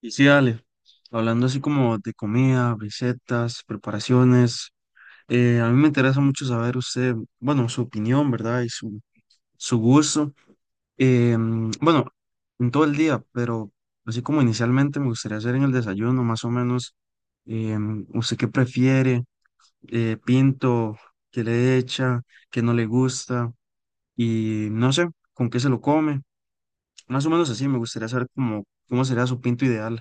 Y sí, dale, hablando así como de comida, recetas, preparaciones, a mí me interesa mucho saber usted, bueno, su opinión, ¿verdad? Y su gusto, bueno, en todo el día, pero así como inicialmente me gustaría hacer en el desayuno, más o menos, ¿usted qué prefiere? ¿Pinto? ¿Qué le echa? ¿Qué no le gusta? Y no sé, ¿con qué se lo come? Más o menos así, me gustaría saber cómo, cómo sería su pinto ideal.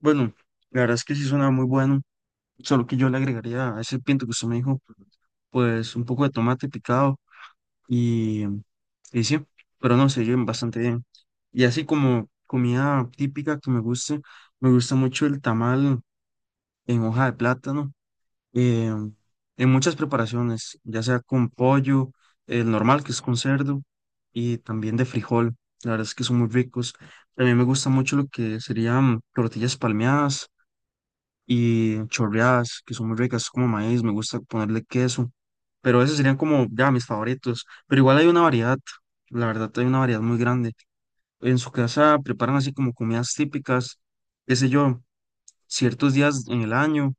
Bueno, la verdad es que sí suena muy bueno, solo que yo le agregaría a ese pinto que usted me dijo, pues un poco de tomate picado y, y sí, pero no, se llevan bastante bien. Y así como comida típica que me guste, me gusta mucho el tamal en hoja de plátano, eh, en muchas preparaciones, ya sea con pollo, el normal que es con cerdo, y también de frijol, la verdad es que son muy ricos. También me gusta mucho lo que serían tortillas palmeadas y chorreadas, que son muy ricas, como maíz, me gusta ponerle queso, pero esos serían como ya mis favoritos, pero igual hay una variedad, la verdad hay una variedad muy grande. En su casa preparan así como comidas típicas, qué sé yo, ciertos días en el año,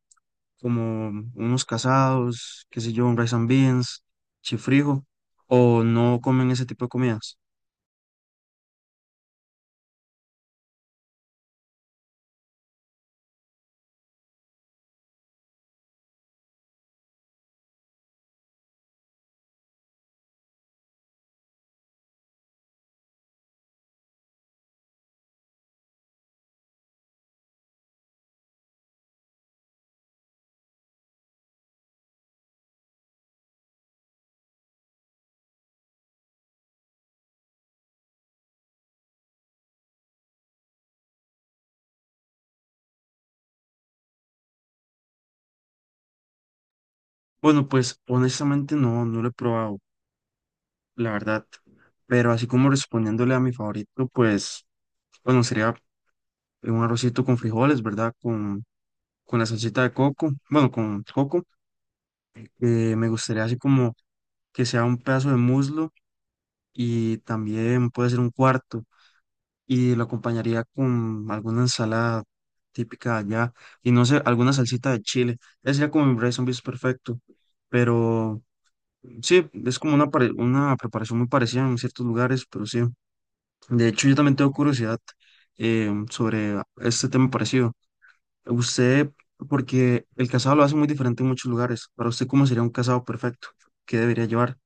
como unos casados, qué sé yo, un rice and beans, chifrijo, o no comen ese tipo de comidas. Bueno, pues honestamente no, no lo he probado, la verdad, pero así como respondiéndole a mi favorito, pues... Bueno, sería un arrocito con frijoles, ¿verdad? Con la salsita de coco, bueno, con coco. Me gustaría así como que sea un pedazo de muslo y también puede ser un cuarto y lo acompañaría con alguna ensalada típica de allá y no sé, alguna salsita de chile. Ese sería como mi rice and beans perfecto, pero sí, es como una, una preparación muy parecida en ciertos lugares, pero sí. De hecho, yo también tengo curiosidad sobre este tema parecido. Usted, porque el casado lo hace muy diferente en muchos lugares. Para usted, ¿cómo sería un casado perfecto? ¿Qué debería llevar?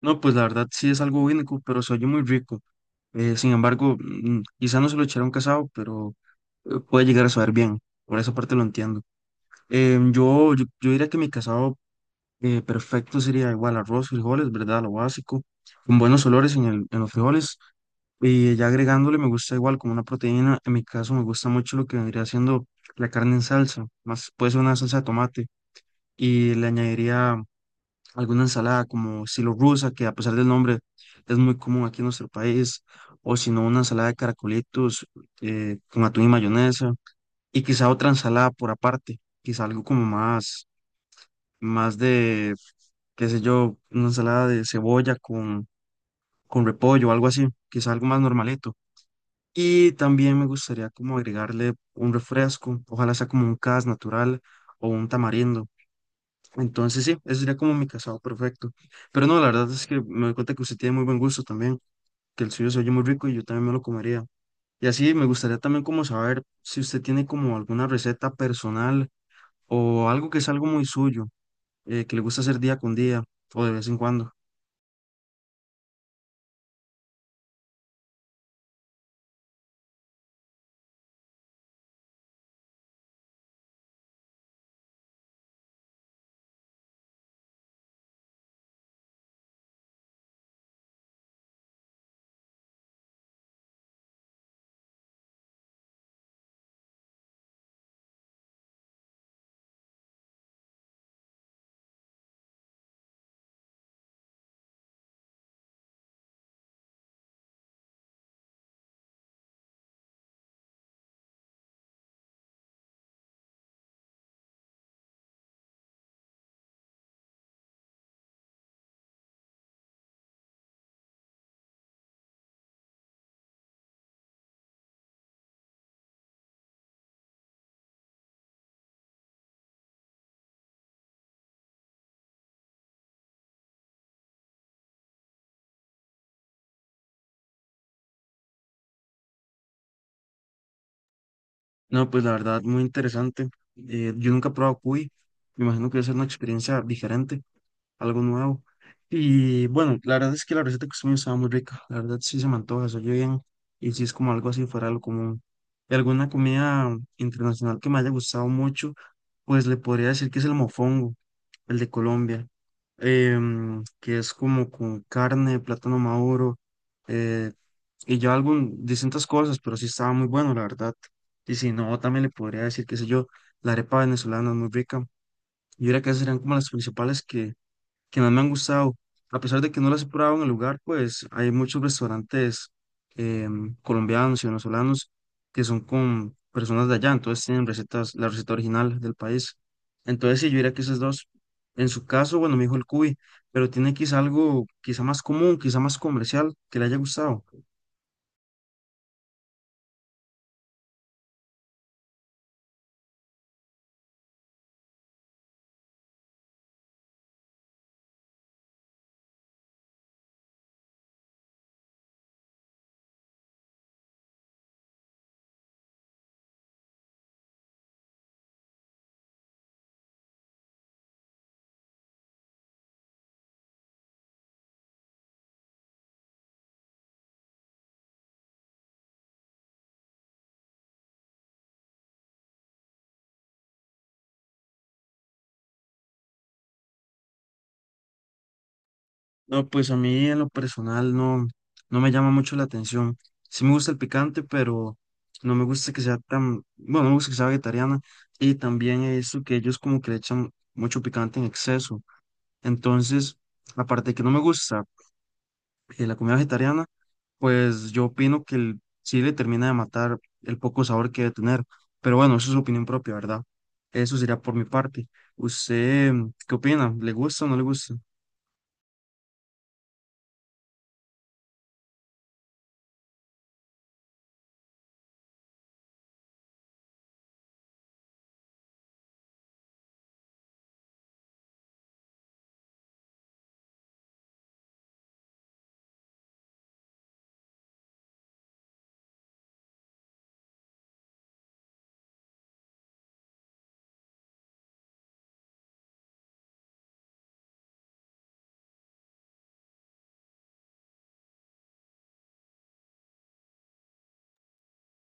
No, pues la verdad sí es algo único, pero se oye muy rico. Sin embargo, mm, quizá no se lo echará un casado, pero puede llegar a saber bien. Por esa parte lo entiendo. Yo diría que mi casado perfecto sería igual arroz, frijoles, ¿verdad? Lo básico, con buenos olores en el, en los frijoles. Y ya agregándole, me gusta igual como una proteína. En mi caso, me gusta mucho lo que vendría siendo la carne en salsa, más puede ser una salsa de tomate. Y le añadiría alguna ensalada como estilo rusa, que a pesar del nombre es muy común aquí en nuestro país. O si no, una ensalada de caracolitos con atún y mayonesa. Y quizá otra ensalada por aparte, quizá algo como más, más de, qué sé yo, una ensalada de cebolla con repollo, algo así, quizá algo más normalito. Y también me gustaría como agregarle un refresco, ojalá sea como un cas natural o un tamarindo. Entonces sí, ese sería como mi casado perfecto. Pero no, la verdad es que me doy cuenta que usted tiene muy buen gusto también, que el suyo se oye muy rico y yo también me lo comería. Y así me gustaría también como saber si usted tiene como alguna receta personal o algo que es algo muy suyo, que le gusta hacer día con día o de vez en cuando. No, pues la verdad, muy interesante. Yo nunca he probado cuy, me imagino que debe ser una experiencia diferente. Algo nuevo. Y bueno, la verdad es que la receta que usted me dio estaba muy rica, la verdad sí se me antoja, se oye bien y sí es como algo así fuera de lo común. Y alguna comida internacional que me haya gustado mucho, pues le podría decir que es el mofongo, el de Colombia, que es como con carne, plátano maduro eh, y ya algún, distintas cosas, pero sí estaba muy bueno, la verdad. Y si no, también le podría decir, qué sé yo, la arepa venezolana es muy rica. Yo diría que esas serían como las principales que más me han gustado. A pesar de que no las he probado en el lugar, pues hay muchos restaurantes colombianos y venezolanos que son con personas de allá, entonces tienen recetas, la receta original del país. Entonces, sí, yo diría que esas dos. En su caso, bueno, me dijo el cuy, pero tiene quizá algo, quizá más común, quizá más comercial, que le haya gustado. No, pues a mí en lo personal no, no me llama mucho la atención. Sí me gusta el picante, pero no me gusta que sea tan, bueno, no me gusta que sea vegetariana. Y también he que ellos como que le echan mucho picante en exceso. Entonces, aparte de que no me gusta la comida vegetariana, pues yo opino que sí le termina de matar el poco sabor que debe tener. Pero bueno, eso es su opinión propia, ¿verdad? Eso sería por mi parte. ¿Usted mm, qué opina? ¿Le gusta o no le gusta?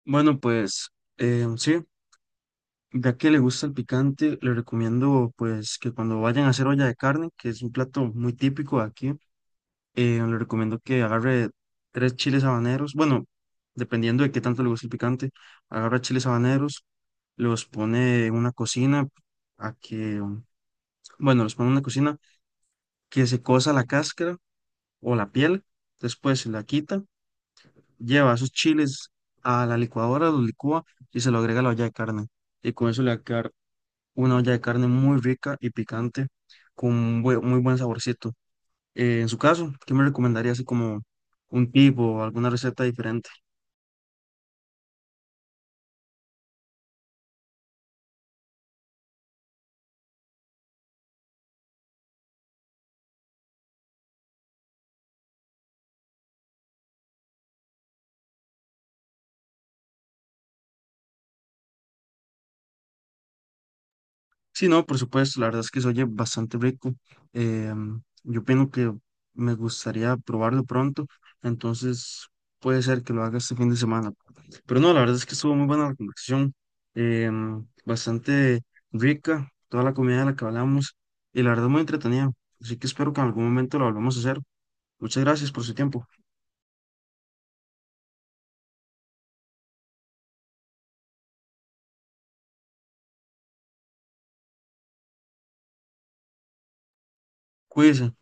Bueno, pues sí. Ya que le gusta el picante, le recomiendo pues que cuando vayan a hacer olla de carne, que es un plato muy típico de aquí, le recomiendo que agarre tres chiles habaneros, bueno, dependiendo de qué tanto le guste el picante, agarra chiles habaneros, los pone en una cocina a que, bueno, los pone en una cocina que se cosa la cáscara o la piel, después se la quita, lleva esos chiles a la licuadora, los licúa y se lo agrega a la olla de carne. Y con eso le va a quedar una olla de carne muy rica y picante con un muy buen saborcito. En su caso, ¿qué me recomendaría así como un tip o alguna receta diferente? Sí, no, por supuesto, la verdad es que se oye bastante rico. Eh, yo opino que me gustaría probarlo pronto, entonces puede ser que lo haga este fin de semana. Pero no, la verdad es que estuvo muy buena la conversación, eh, bastante rica, toda la comida de la que hablamos y la verdad muy entretenida. Así que espero que en algún momento lo volvamos a hacer. Muchas gracias por su tiempo. Cuídese.